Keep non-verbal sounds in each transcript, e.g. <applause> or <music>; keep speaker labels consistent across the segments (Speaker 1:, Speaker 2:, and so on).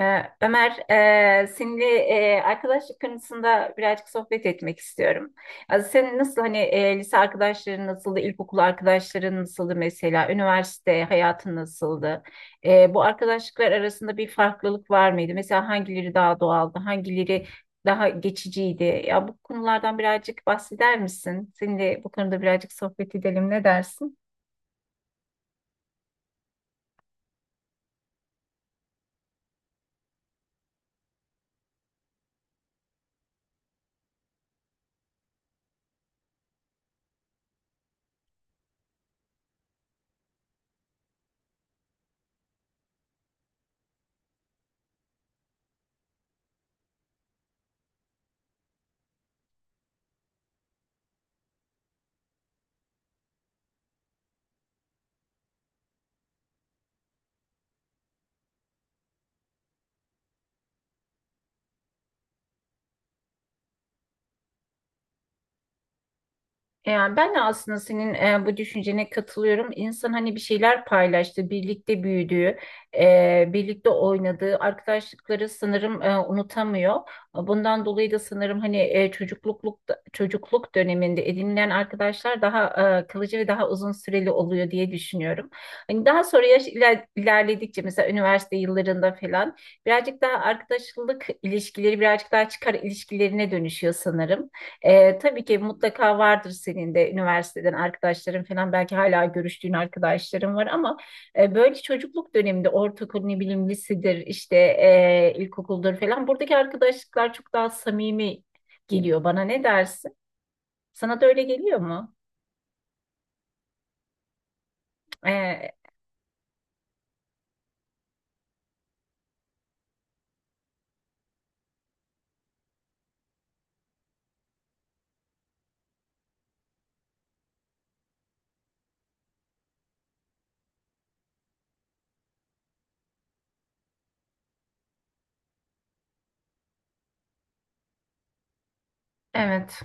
Speaker 1: Ömer, seninle arkadaşlık konusunda birazcık sohbet etmek istiyorum. Az senin nasıl hani lise arkadaşların nasıldı, ilkokul arkadaşların nasıldı mesela, üniversite hayatın nasıldı? Bu arkadaşlıklar arasında bir farklılık var mıydı? Mesela hangileri daha doğaldı, hangileri daha geçiciydi? Ya bu konulardan birazcık bahseder misin? Seninle bu konuda birazcık sohbet edelim, ne dersin? Yani ben de aslında senin bu düşüncene katılıyorum. İnsan hani bir şeyler paylaştı, birlikte büyüdüğü, birlikte oynadığı arkadaşlıkları sanırım unutamıyor. Bundan dolayı da sanırım hani çocukluk döneminde edinilen arkadaşlar daha kalıcı ve daha uzun süreli oluyor diye düşünüyorum. Hani daha sonra yaş ilerledikçe mesela üniversite yıllarında falan birazcık daha arkadaşlık ilişkileri birazcık daha çıkar ilişkilerine dönüşüyor sanırım. Tabii ki mutlaka vardır senin de üniversiteden arkadaşların falan belki hala görüştüğün arkadaşların var ama böyle çocukluk döneminde ortaokul ne bileyim lisedir işte ilkokuldur falan buradaki arkadaşlıklar çok daha samimi geliyor bana, ne dersin? Sana da öyle geliyor mu? Ee, evet.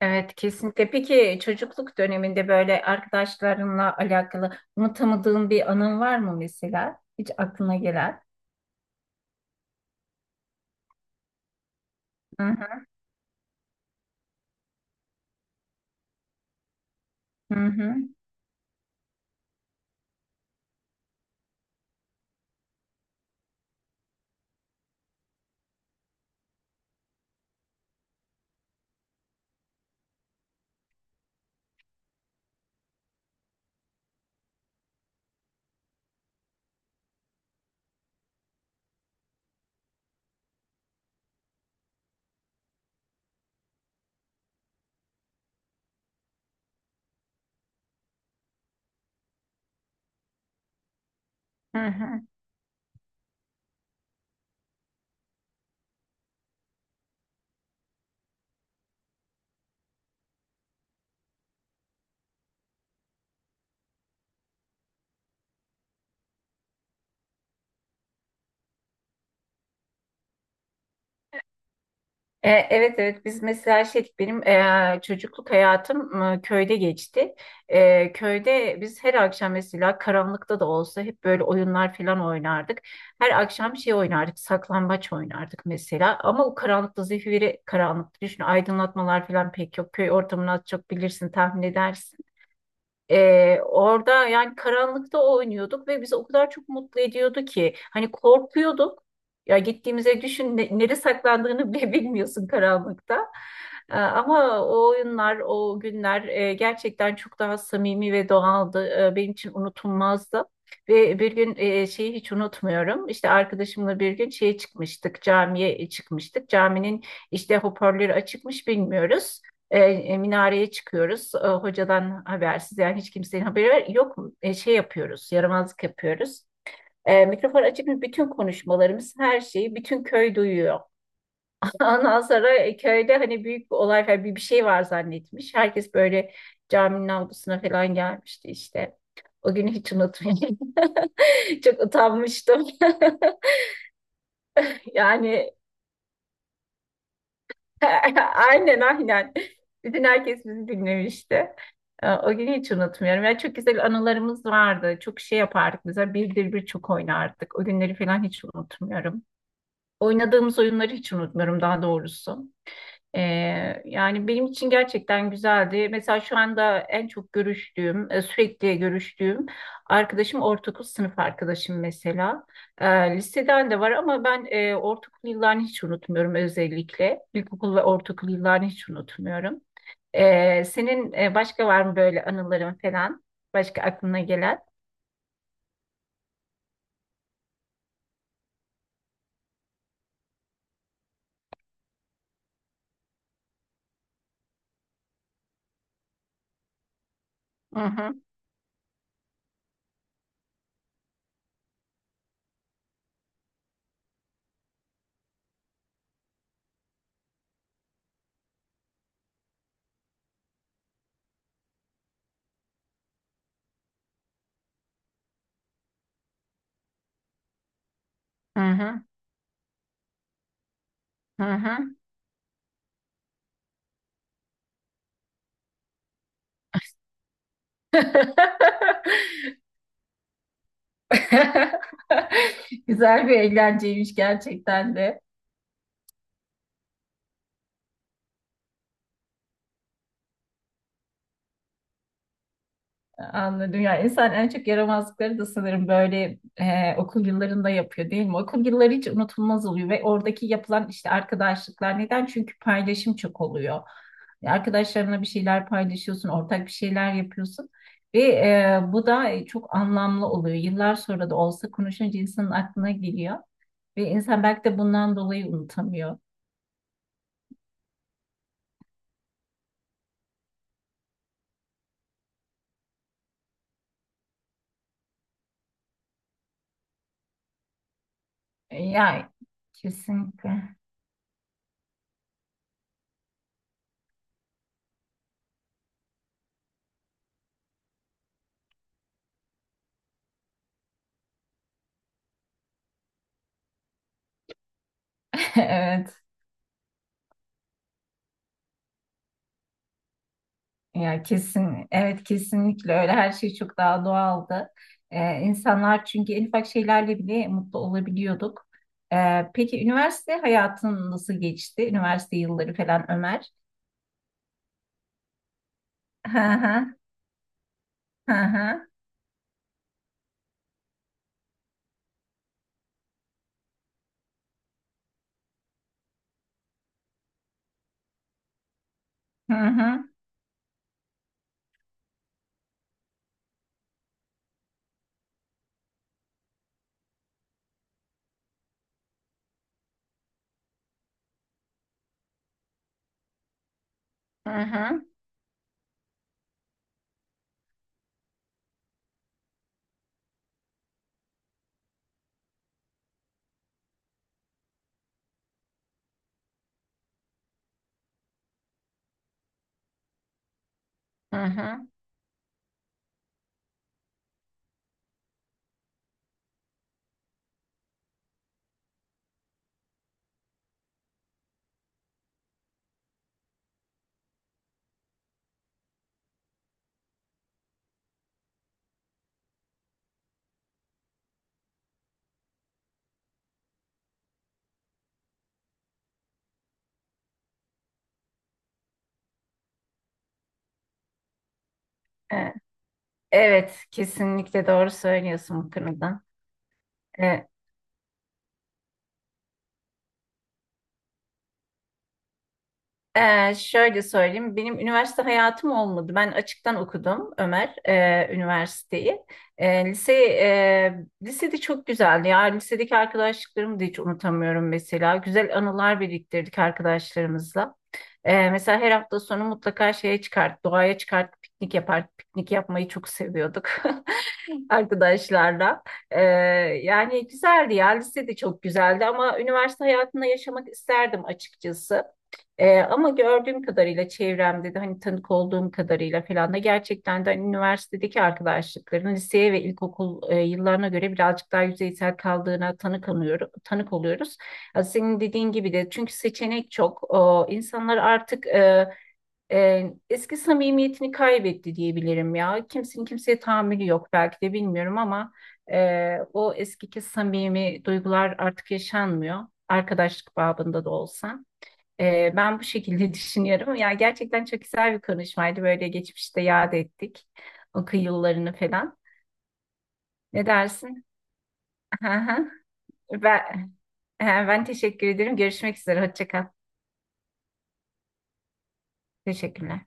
Speaker 1: Evet, kesinlikle. Peki çocukluk döneminde böyle arkadaşlarınla alakalı unutamadığın bir anın var mı mesela? Hiç aklına gelen? Hı hı hı hı. Hı hı. Evet, evet biz mesela şey dedik, benim çocukluk hayatım köyde geçti. Köyde biz her akşam mesela karanlıkta da olsa hep böyle oyunlar falan oynardık. Her akşam şey oynardık, saklambaç oynardık mesela ama o karanlıkta zifiri karanlıkta düşün, aydınlatmalar falan pek yok. Köy ortamını az çok bilirsin, tahmin edersin. Orada yani karanlıkta oynuyorduk ve bizi o kadar çok mutlu ediyordu ki hani korkuyorduk. Ya gittiğimize düşün ne, nereye saklandığını <laughs> bile bilmiyorsun karanlıkta. Ama o oyunlar, o günler gerçekten çok daha samimi ve doğaldı. Benim için unutulmazdı. Ve bir gün şeyi hiç unutmuyorum. İşte arkadaşımla bir gün şeye çıkmıştık, camiye çıkmıştık. Caminin işte hoparlörü açıkmış, bilmiyoruz. Minareye çıkıyoruz. Hocadan habersiz yani hiç kimsenin haberi yok. Şey yapıyoruz, yaramazlık yapıyoruz. Mikrofon açık mı? Bütün konuşmalarımız, her şeyi bütün köy duyuyor. <laughs> Ondan sonra köyde hani büyük bir olay falan bir şey var zannetmiş. Herkes böyle caminin avlusuna falan gelmişti işte. O günü hiç unutmayayım. <laughs> Çok utanmıştım. <laughs> Yani <laughs> aynen, aynen. Bütün herkes bizi dinlemişti. O günü hiç unutmuyorum. Yani çok güzel anılarımız vardı. Çok şey yapardık. Mesela birdir bir çok oynardık. O günleri falan hiç unutmuyorum. Oynadığımız oyunları hiç unutmuyorum daha doğrusu. Yani benim için gerçekten güzeldi. Mesela şu anda en çok görüştüğüm, sürekli görüştüğüm arkadaşım ortaokul sınıf arkadaşım mesela. Ee, Liseden de var ama ben ortaokul yıllarını hiç unutmuyorum özellikle. İlkokul ve ortaokul yıllarını hiç unutmuyorum. Senin başka var mı böyle anıların falan? Başka aklına gelen? Hı hı, hı hı, hı hı. <laughs> <laughs> Güzel bir eğlenceymiş gerçekten de. Anladım. Yani insan en çok yaramazlıkları da sanırım böyle okul yıllarında yapıyor değil mi? Okul yılları hiç unutulmaz oluyor ve oradaki yapılan işte arkadaşlıklar neden? Çünkü paylaşım çok oluyor. Arkadaşlarınla bir şeyler paylaşıyorsun, ortak bir şeyler yapıyorsun ve bu da çok anlamlı oluyor. Yıllar sonra da olsa konuşunca insanın aklına geliyor. Ve insan belki de bundan dolayı unutamıyor. Ya kesinlikle. <laughs> Evet. Ya kesin. Evet kesinlikle öyle. Her şey çok daha doğaldı. İnsanlar çünkü en ufak şeylerle bile mutlu olabiliyorduk. Peki üniversite hayatın nasıl geçti? Üniversite yılları falan Ömer. <laughs> Hı hı, hı hı, hı hı, hı hı. E, Evet, kesinlikle doğru söylüyorsun bu konuda. E, Şöyle söyleyeyim, benim üniversite hayatım olmadı. Ben açıktan okudum Ömer, üniversiteyi. Lisede çok güzeldi. Ya lisedeki arkadaşlıklarımı da hiç unutamıyorum mesela. Güzel anılar biriktirdik arkadaşlarımızla. Mesela her hafta sonu mutlaka şeye çıkart, doğaya çıkart, piknik yapar. Piknik yapmayı çok seviyorduk <laughs> arkadaşlarla. Ee, Yani güzeldi ya, lise de çok güzeldi ama üniversite hayatında yaşamak isterdim açıkçası. Ama gördüğüm kadarıyla çevremde de hani tanık olduğum kadarıyla falan da gerçekten de hani üniversitedeki arkadaşlıkların liseye ve ilkokul yıllarına göre birazcık daha yüzeysel kaldığına tanık, anıyorum, tanık oluyoruz. Ya senin dediğin gibi de çünkü seçenek çok. O, insanlar artık eski samimiyetini kaybetti diyebilirim ya. Kimsenin kimseye tahammülü yok belki de bilmiyorum ama o eskiki samimi duygular artık yaşanmıyor. Arkadaşlık babında da olsa. Ben bu şekilde <laughs> düşünüyorum. Yani gerçekten çok güzel bir konuşmaydı. Böyle geçmişte yad ettik o yıllarını falan. Ne dersin? <laughs> Ben, ben teşekkür ederim. Görüşmek üzere. Hoşça kal. Teşekkürler.